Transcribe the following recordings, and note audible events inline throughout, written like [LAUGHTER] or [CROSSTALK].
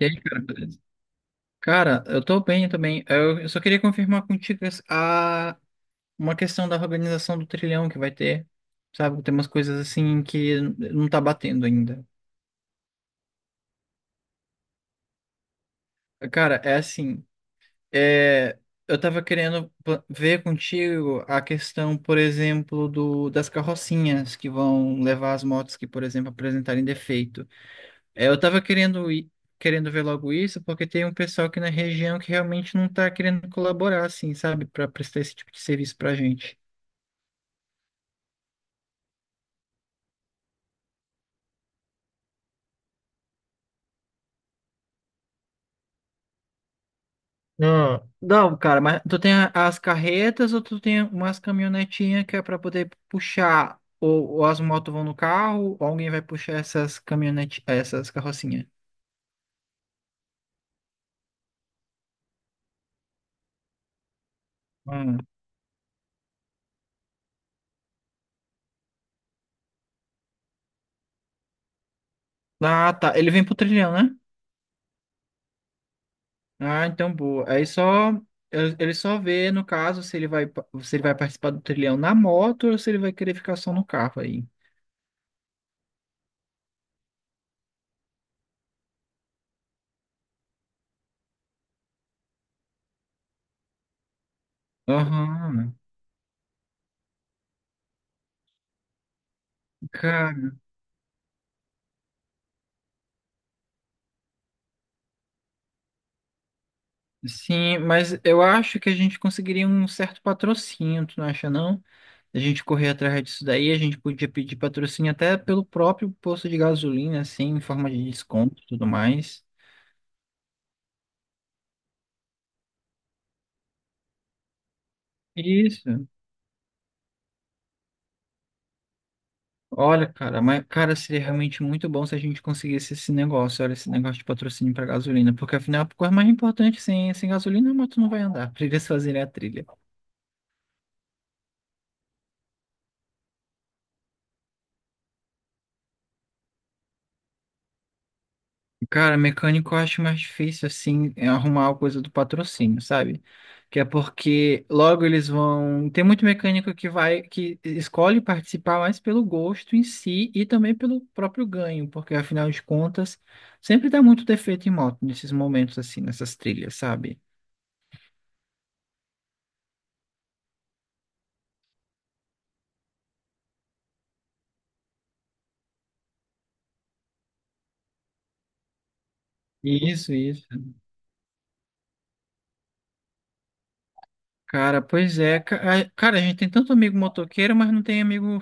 E aí, cara, beleza? Cara, eu tô bem, também. Eu só queria confirmar contigo uma questão da organização do trilhão que vai ter, sabe? Tem umas coisas assim que não tá batendo ainda. Cara, é assim, é, eu tava ver contigo a questão, por exemplo, das carrocinhas que vão levar as motos que, por exemplo, apresentarem defeito. Eu tava querendo ir, querendo ver logo isso, porque tem um pessoal aqui na região que realmente não tá querendo colaborar, assim, sabe, para prestar esse tipo de serviço pra gente. Ah, não, cara, mas tu tem as carretas ou tu tem umas caminhonetinhas que é para poder puxar? Ou as motos vão no carro, ou alguém vai puxar essas caminhonetes, essas carrocinhas? Hum. Ah, tá. Ele vem pro trilhão, né? Ah, então boa. Aí só ele só vê, no caso, se ele se ele vai participar do trilhão na moto ou se ele vai querer ficar só no carro aí. Aham. Cara, sim, mas eu acho que a gente conseguiria um certo patrocínio, tu não acha não? A gente correr atrás disso daí, a gente podia pedir patrocínio até pelo próprio posto de gasolina, assim, em forma de desconto e tudo mais. Isso. Olha, cara, mas, cara, seria realmente muito bom se a gente conseguisse esse negócio, olha, esse negócio de patrocínio para gasolina, porque afinal, a coisa mais importante, sem gasolina, a moto não vai andar, [LAUGHS] pra eles fazerem a trilha. Cara, mecânico eu acho mais difícil, assim, é arrumar a coisa do patrocínio, sabe? Que é porque logo eles vão. Tem muito mecânico que vai, que escolhe participar mais pelo gosto em si e também pelo próprio ganho, porque afinal de contas, sempre dá muito defeito em moto nesses momentos, assim, nessas trilhas, sabe? Isso, isso. Cara, pois é. Cara, a gente tem tanto amigo motoqueiro, mas não tem amigo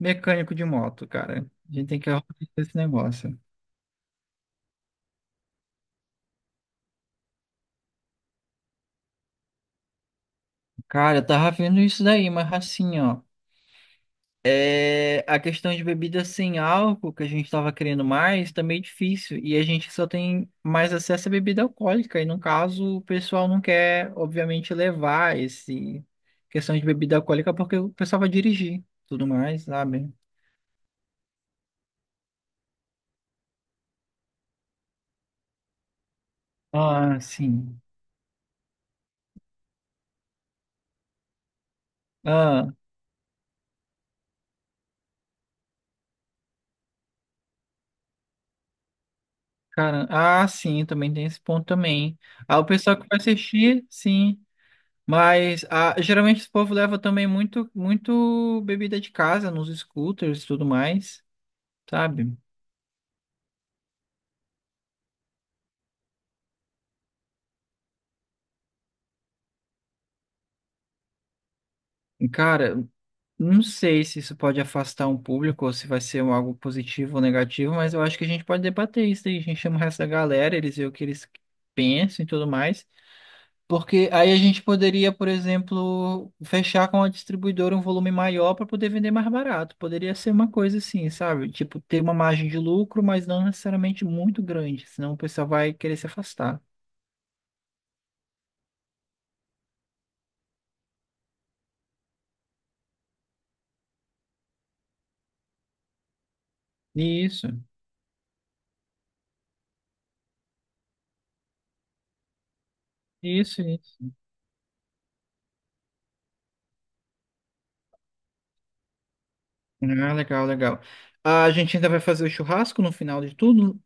mecânico de moto, cara. A gente tem que organizar esse negócio. Cara, eu tava vendo isso daí, mas assim, ó. É, a questão de bebida sem álcool que a gente tava querendo mais tá meio difícil. E a gente só tem mais acesso à bebida alcoólica. E no caso, o pessoal não quer, obviamente, levar esse questão de bebida alcoólica porque o pessoal vai dirigir, tudo mais, sabe? Ah, sim. Cara, ah, sim, também tem esse ponto também. Ah, o pessoal que vai assistir, sim. Mas geralmente esse povo leva também muito, muito bebida de casa nos scooters e tudo mais, sabe? Cara, não sei se isso pode afastar um público ou se vai ser um algo positivo ou negativo, mas eu acho que a gente pode debater isso aí. A gente chama o resto da galera, eles veem o que eles pensam e tudo mais. Porque aí a gente poderia, por exemplo, fechar com a distribuidora um volume maior para poder vender mais barato. Poderia ser uma coisa assim, sabe? Tipo, ter uma margem de lucro, mas não necessariamente muito grande, senão o pessoal vai querer se afastar. Isso, isso, isso. Ah, legal, legal. A gente ainda vai fazer o churrasco no final de tudo?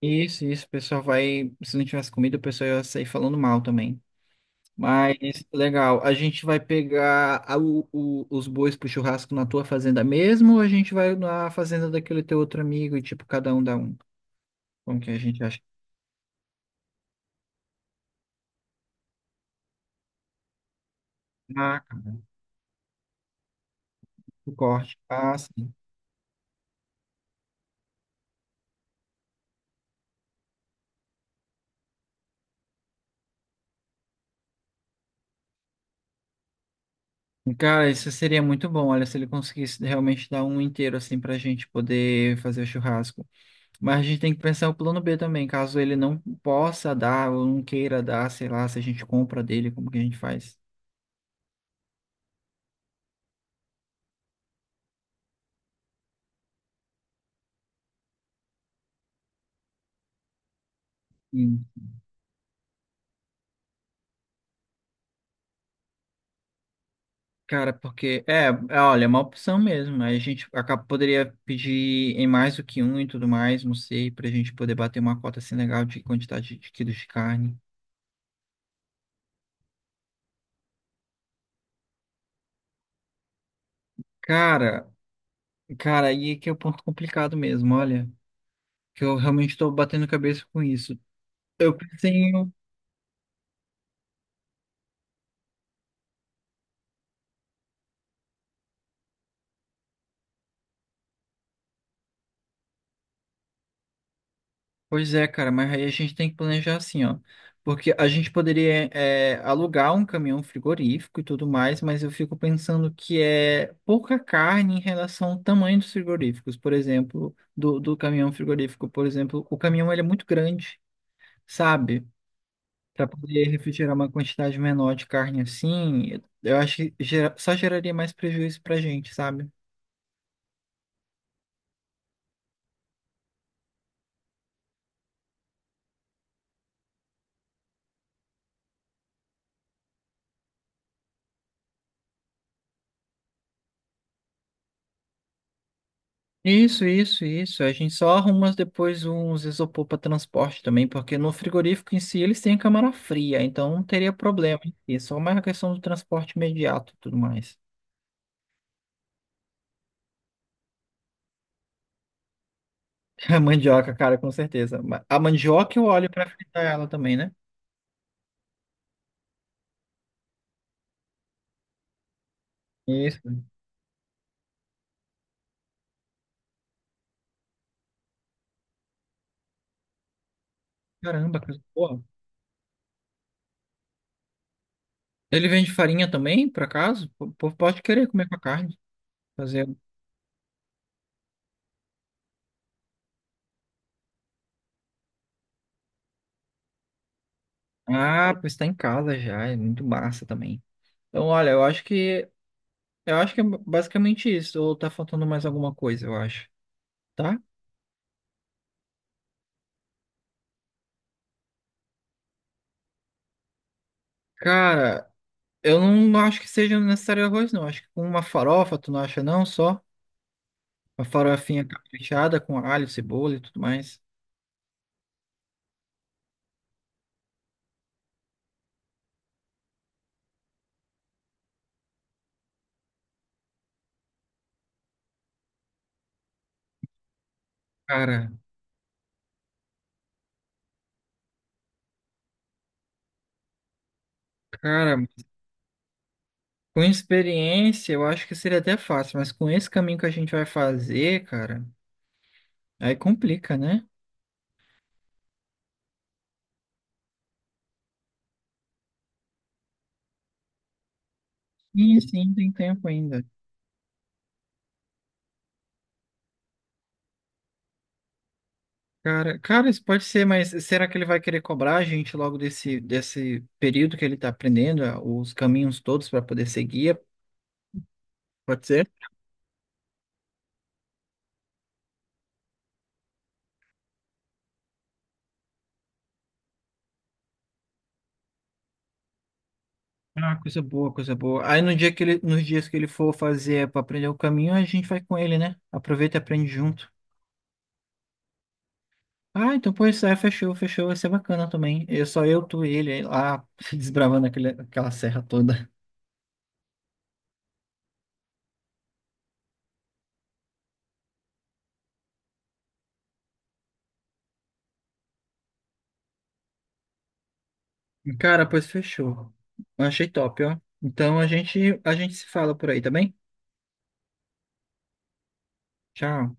Isso, isso. O pessoal vai. Se não tivesse comida, o pessoal ia sair falando mal também. Mas legal, a gente vai pegar os bois pro churrasco na tua fazenda mesmo ou a gente vai na fazenda daquele teu outro amigo e tipo cada um dá um? Como que a gente acha? Ah, cara, o corte, ah, sim. Cara, isso seria muito bom, olha, se ele conseguisse realmente dar um inteiro assim pra gente poder fazer o churrasco. Mas a gente tem que pensar o plano B também, caso ele não possa dar ou não queira dar, sei lá, se a gente compra dele, como que a gente faz? Hum. Cara, porque olha, é uma opção mesmo. Aí a gente acaba, poderia pedir em mais do que um e tudo mais, não sei, pra gente poder bater uma cota assim legal de quantidade de quilos de carne. Cara, cara, aí é que é o ponto complicado mesmo, olha, que eu realmente tô batendo cabeça com isso. Eu pensei em um. Pois é, cara, mas aí a gente tem que planejar assim, ó. Porque a gente poderia alugar um caminhão frigorífico e tudo mais, mas eu fico pensando que é pouca carne em relação ao tamanho dos frigoríficos, por exemplo, do caminhão frigorífico, por exemplo, o caminhão ele é muito grande, sabe? Para poder refrigerar uma quantidade menor de carne assim, eu acho que só geraria mais prejuízo pra gente, sabe? Isso, isso, isso. A gente só arruma depois uns isopor para transporte também, porque no frigorífico em si eles têm câmara fria, então não teria problema em si. É só mais a questão do transporte imediato e tudo mais. [LAUGHS] A mandioca, cara, com certeza. A mandioca e o óleo para fritar ela também, né? Isso. Caramba, coisa boa. Ele vende farinha também, por acaso? O povo pode querer comer com a carne. Fazer. Um ah, pois está em casa já, é muito massa também. Então, olha, eu acho que é basicamente isso. Ou tá faltando mais alguma coisa, eu acho. Tá? Cara, eu não acho que seja necessário arroz, não. Acho que com uma farofa, tu não acha não? Só uma farofinha caprichada com alho, cebola e tudo mais. Cara, cara, com experiência eu acho que seria até fácil, mas com esse caminho que a gente vai fazer, cara, aí complica, né? Sim, sim, tem tempo ainda. Cara, isso pode ser, mas será que ele vai querer cobrar a gente logo desse período que ele tá aprendendo, os caminhos todos para poder seguir? Pode ser? Ah, coisa boa, coisa boa. Aí no nos dias que ele for fazer para aprender o caminho, a gente vai com ele, né? Aproveita e aprende junto. Ah, então pois é, fechou, fechou. Vai ser bacana também. É só eu, tu e ele aí lá [LAUGHS] desbravando aquela serra toda. Cara, pois fechou. Achei top, ó. Então a gente se fala por aí, tá bem? Tchau.